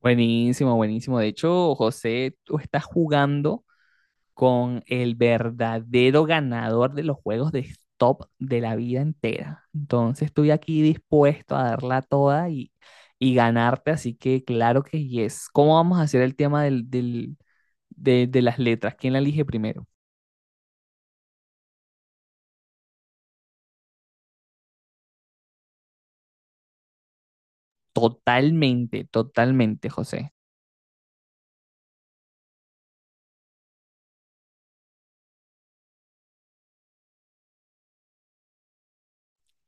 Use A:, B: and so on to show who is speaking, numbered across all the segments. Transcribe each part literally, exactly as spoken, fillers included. A: Buenísimo, buenísimo. De hecho, José, tú estás jugando con el verdadero ganador de los juegos de stop de la vida entera. Entonces, estoy aquí dispuesto a darla toda y, y ganarte, así que claro que yes. ¿Cómo vamos a hacer el tema del, del- de, de las letras? ¿Quién la elige primero? Totalmente, totalmente, José.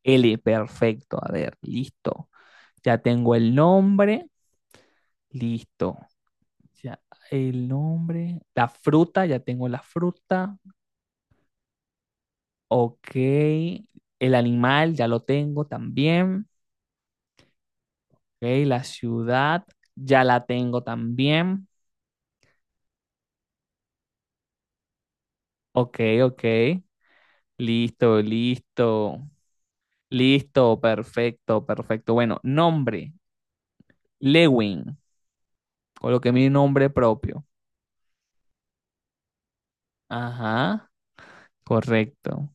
A: L, perfecto. A ver, listo. Ya tengo el nombre, listo. Ya, el nombre, la fruta, ya tengo la fruta. Ok, el animal, ya lo tengo también. Ok, la ciudad, ya la tengo también. Ok, ok, listo, listo, listo, perfecto, perfecto. Bueno, nombre, Lewin, coloqué mi nombre propio. Ajá, correcto.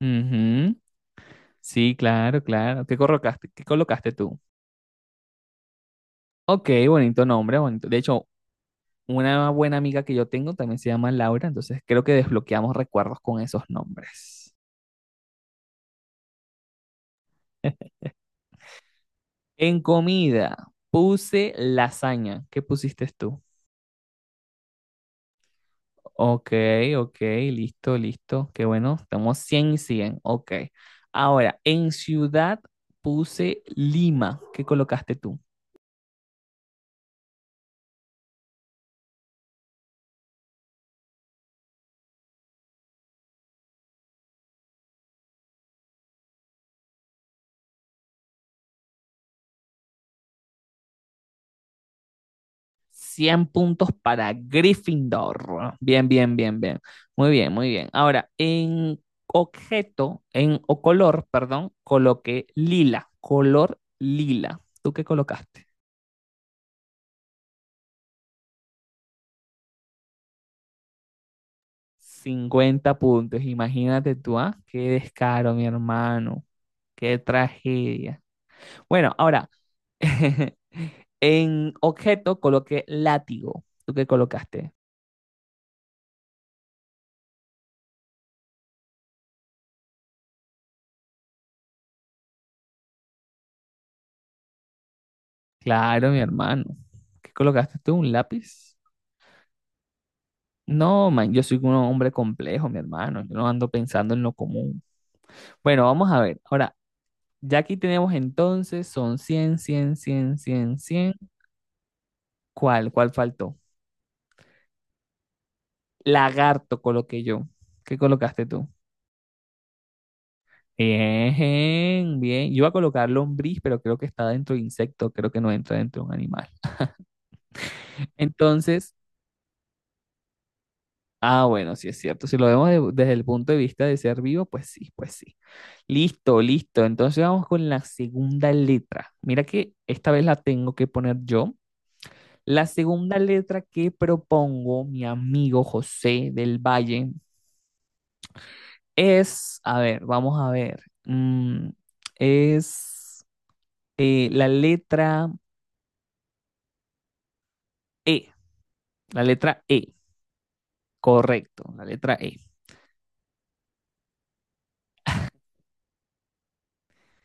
A: Ujú, sí, claro, claro. ¿Qué colocaste? ¿Qué colocaste tú? Ok, bonito nombre, bonito. De hecho, una buena amiga que yo tengo también se llama Laura, entonces creo que desbloqueamos recuerdos con esos nombres. En comida, puse lasaña. ¿Qué pusiste tú? Ok, ok, listo, listo. Qué bueno, estamos cien y cien. Ok. Ahora, en ciudad puse Lima. ¿Qué colocaste tú? cien puntos para Gryffindor. Bien, bien, bien, bien. Muy bien, muy bien. Ahora, en objeto, en o color, perdón, coloqué lila, color lila. ¿Tú qué colocaste? cincuenta puntos. Imagínate tú, ¿ah? Qué descaro, mi hermano. Qué tragedia. Bueno, ahora, en objeto coloqué látigo. ¿Tú qué colocaste? Claro, mi hermano. ¿Qué colocaste tú? ¿Un lápiz? No, man, yo soy un hombre complejo, mi hermano. Yo no ando pensando en lo común. Bueno, vamos a ver. Ahora, ya aquí tenemos entonces, son cien, cien, cien, cien, cien. ¿Cuál? ¿Cuál faltó? Lagarto coloqué yo. ¿Qué colocaste tú? Bien, bien. Yo iba a colocar lombriz, pero creo que está dentro de insecto. Creo que no entra dentro de un animal. Entonces, ah, bueno, sí es cierto. Si lo vemos de- desde el punto de vista de ser vivo, pues sí, pues sí. Listo, listo. Entonces vamos con la segunda letra. Mira que esta vez la tengo que poner yo. La segunda letra que propongo mi amigo José del Valle es, a ver, vamos a ver, mm, es eh, la letra E, la letra E, correcto, la letra E.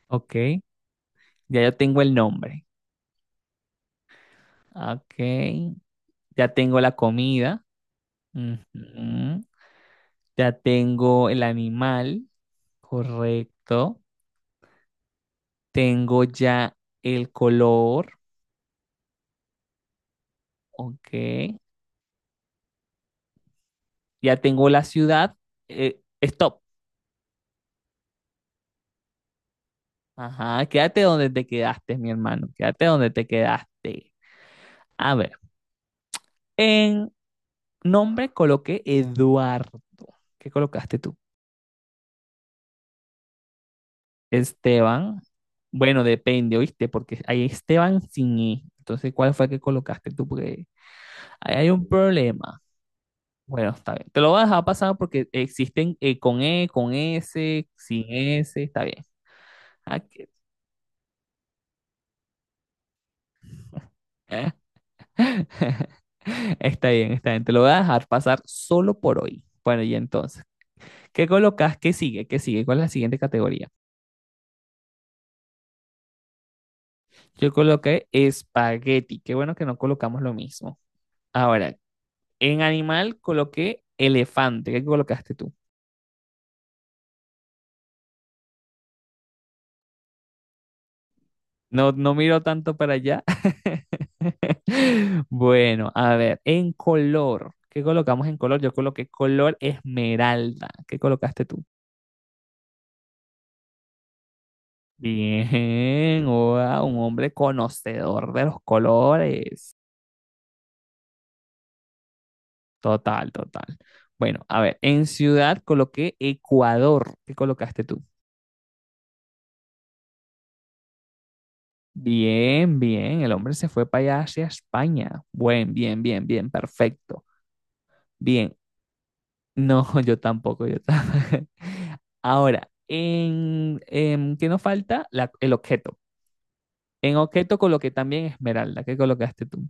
A: Ok, ya yo tengo el nombre. Ok, ya tengo la comida. Ujú. Ya tengo el animal, correcto. Tengo ya el color, ok. Ya tengo la ciudad, eh, stop. Ajá, quédate donde te quedaste, mi hermano. Quédate donde te quedaste. A ver, en nombre coloqué Eduardo. ¿Qué colocaste tú? Esteban. Bueno, depende, ¿oíste? Porque hay Esteban sin E. Entonces, ¿cuál fue el que colocaste tú? Porque ahí hay un problema. Bueno, está bien. Te lo voy a dejar pasar porque existen eh, con E, con S, sin S, está bien. Ah, que- Está bien, está bien. Te lo voy a dejar pasar solo por hoy. Bueno, y entonces, ¿qué colocas? ¿Qué sigue? ¿Qué sigue? ¿Cuál es la siguiente categoría? Yo coloqué espagueti. Qué bueno que no colocamos lo mismo. Ahora, en animal coloqué elefante. ¿Qué colocaste tú? No, no miro tanto para allá. Bueno, a ver, en color. ¿Qué colocamos en color? Yo coloqué color esmeralda. ¿Qué colocaste tú? Bien, wow, un hombre conocedor de los colores. Total, total. Bueno, a ver, en ciudad coloqué Ecuador. ¿Qué colocaste tú? Bien, bien, el hombre se fue para allá hacia España. Buen, bien, bien, bien, perfecto. Bien, no, yo tampoco, yo tampoco. Ahora, en, em, ¿qué nos falta? La- el objeto. En objeto coloqué también esmeralda. ¿Qué colocaste tú?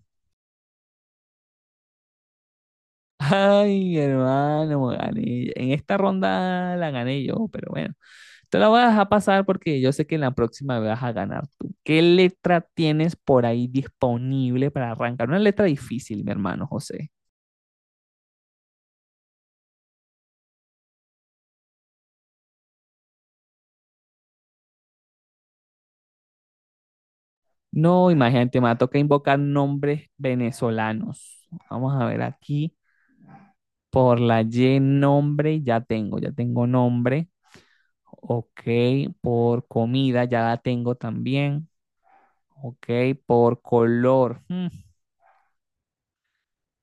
A: Ay, hermano, gané. En esta ronda la gané yo, pero bueno, te la voy a dejar pasar porque yo sé que en la próxima vas a ganar tú. ¿Qué letra tienes por ahí disponible para arrancar? Una letra difícil, mi hermano José. No, imagínate, me toca invocar nombres venezolanos. Vamos a ver aquí. Por la Y nombre, ya tengo, ya tengo nombre. Ok, por comida, ya la tengo también. Ok, por color. Hmm,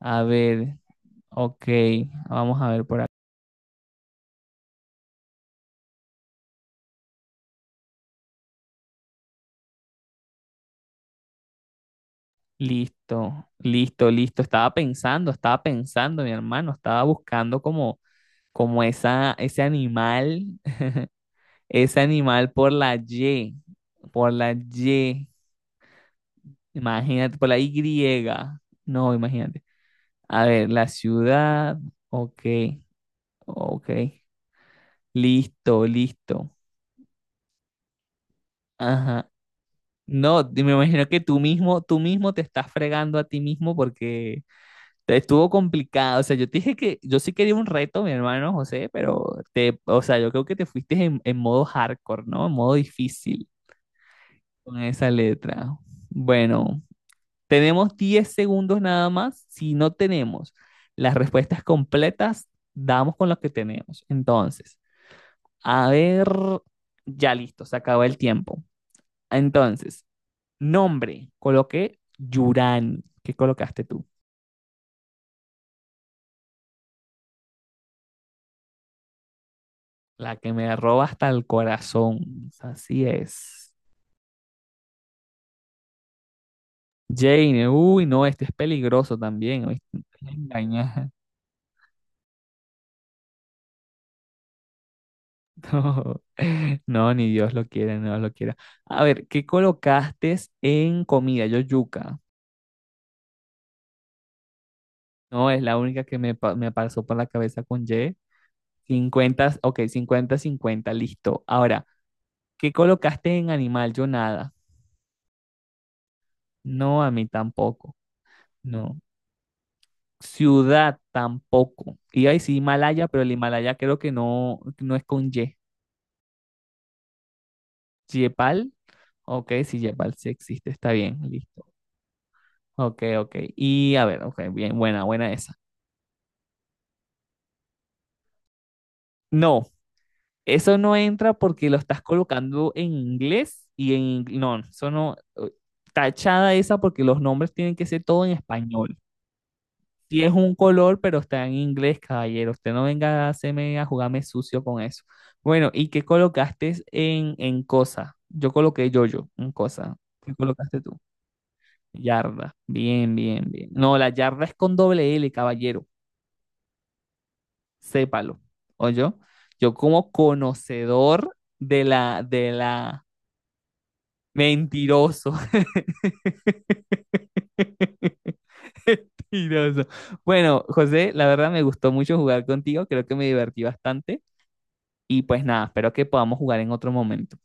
A: a ver, ok, vamos a ver por aquí. Listo, listo, listo. Estaba pensando, estaba pensando, mi hermano, estaba buscando como, como esa, ese animal, ese animal por la Y, por la Y, imagínate, por la Y. No, imagínate. A ver, la ciudad. Ok, ok. Listo, listo. Ajá. No, me imagino que tú mismo, tú mismo te estás fregando a ti mismo porque te estuvo complicado. O sea, yo te dije que yo sí quería un reto, mi hermano José, pero te, o sea, yo creo que te fuiste en, en modo hardcore, ¿no? En modo difícil con esa letra. Bueno, tenemos diez segundos nada más. Si no tenemos las respuestas completas, damos con lo que tenemos. Entonces. A ver, ya listo, se acabó el tiempo. Entonces, nombre, coloqué Yurani. ¿Qué colocaste tú? La que me roba hasta el corazón. Así es. Jane, uy, no, este es peligroso también. ¿Oíste? Me estás engañando. No, no, ni Dios lo quiera, no lo quiera. A ver, ¿qué colocaste en comida? Yo yuca. No, es la única que me, pa- me pasó por la cabeza con Y. Cincuenta, ok, cincuenta, cincuenta, listo. Ahora. ¿Qué colocaste en animal? Yo nada. No, a mí tampoco. No. Ciudad tampoco. Iba a decir Himalaya, pero el Himalaya creo que no, no es con Y. Yepal. Ok, si Yepal sí existe, está bien, listo. Ok, ok. Y a ver, ok, bien, buena, buena esa. No, eso no entra porque lo estás colocando en inglés y en... ing- No, eso no... eh, Tachada esa porque los nombres tienen que ser todo en español. Sí es un color, pero está en inglés, caballero. Usted no venga a hacerme a jugarme sucio con eso. Bueno, ¿y qué colocaste en, en cosa? Yo coloqué yo-yo en cosa. ¿Qué colocaste tú? Yarda. Bien, bien, bien. No, la yarda es con doble L, caballero. Sépalo. yo Yo como conocedor de la, de la... Mentiroso. Mentiroso. Bueno, José, la verdad me gustó mucho jugar contigo. Creo que me divertí bastante. Y pues nada, espero que podamos jugar en otro momento.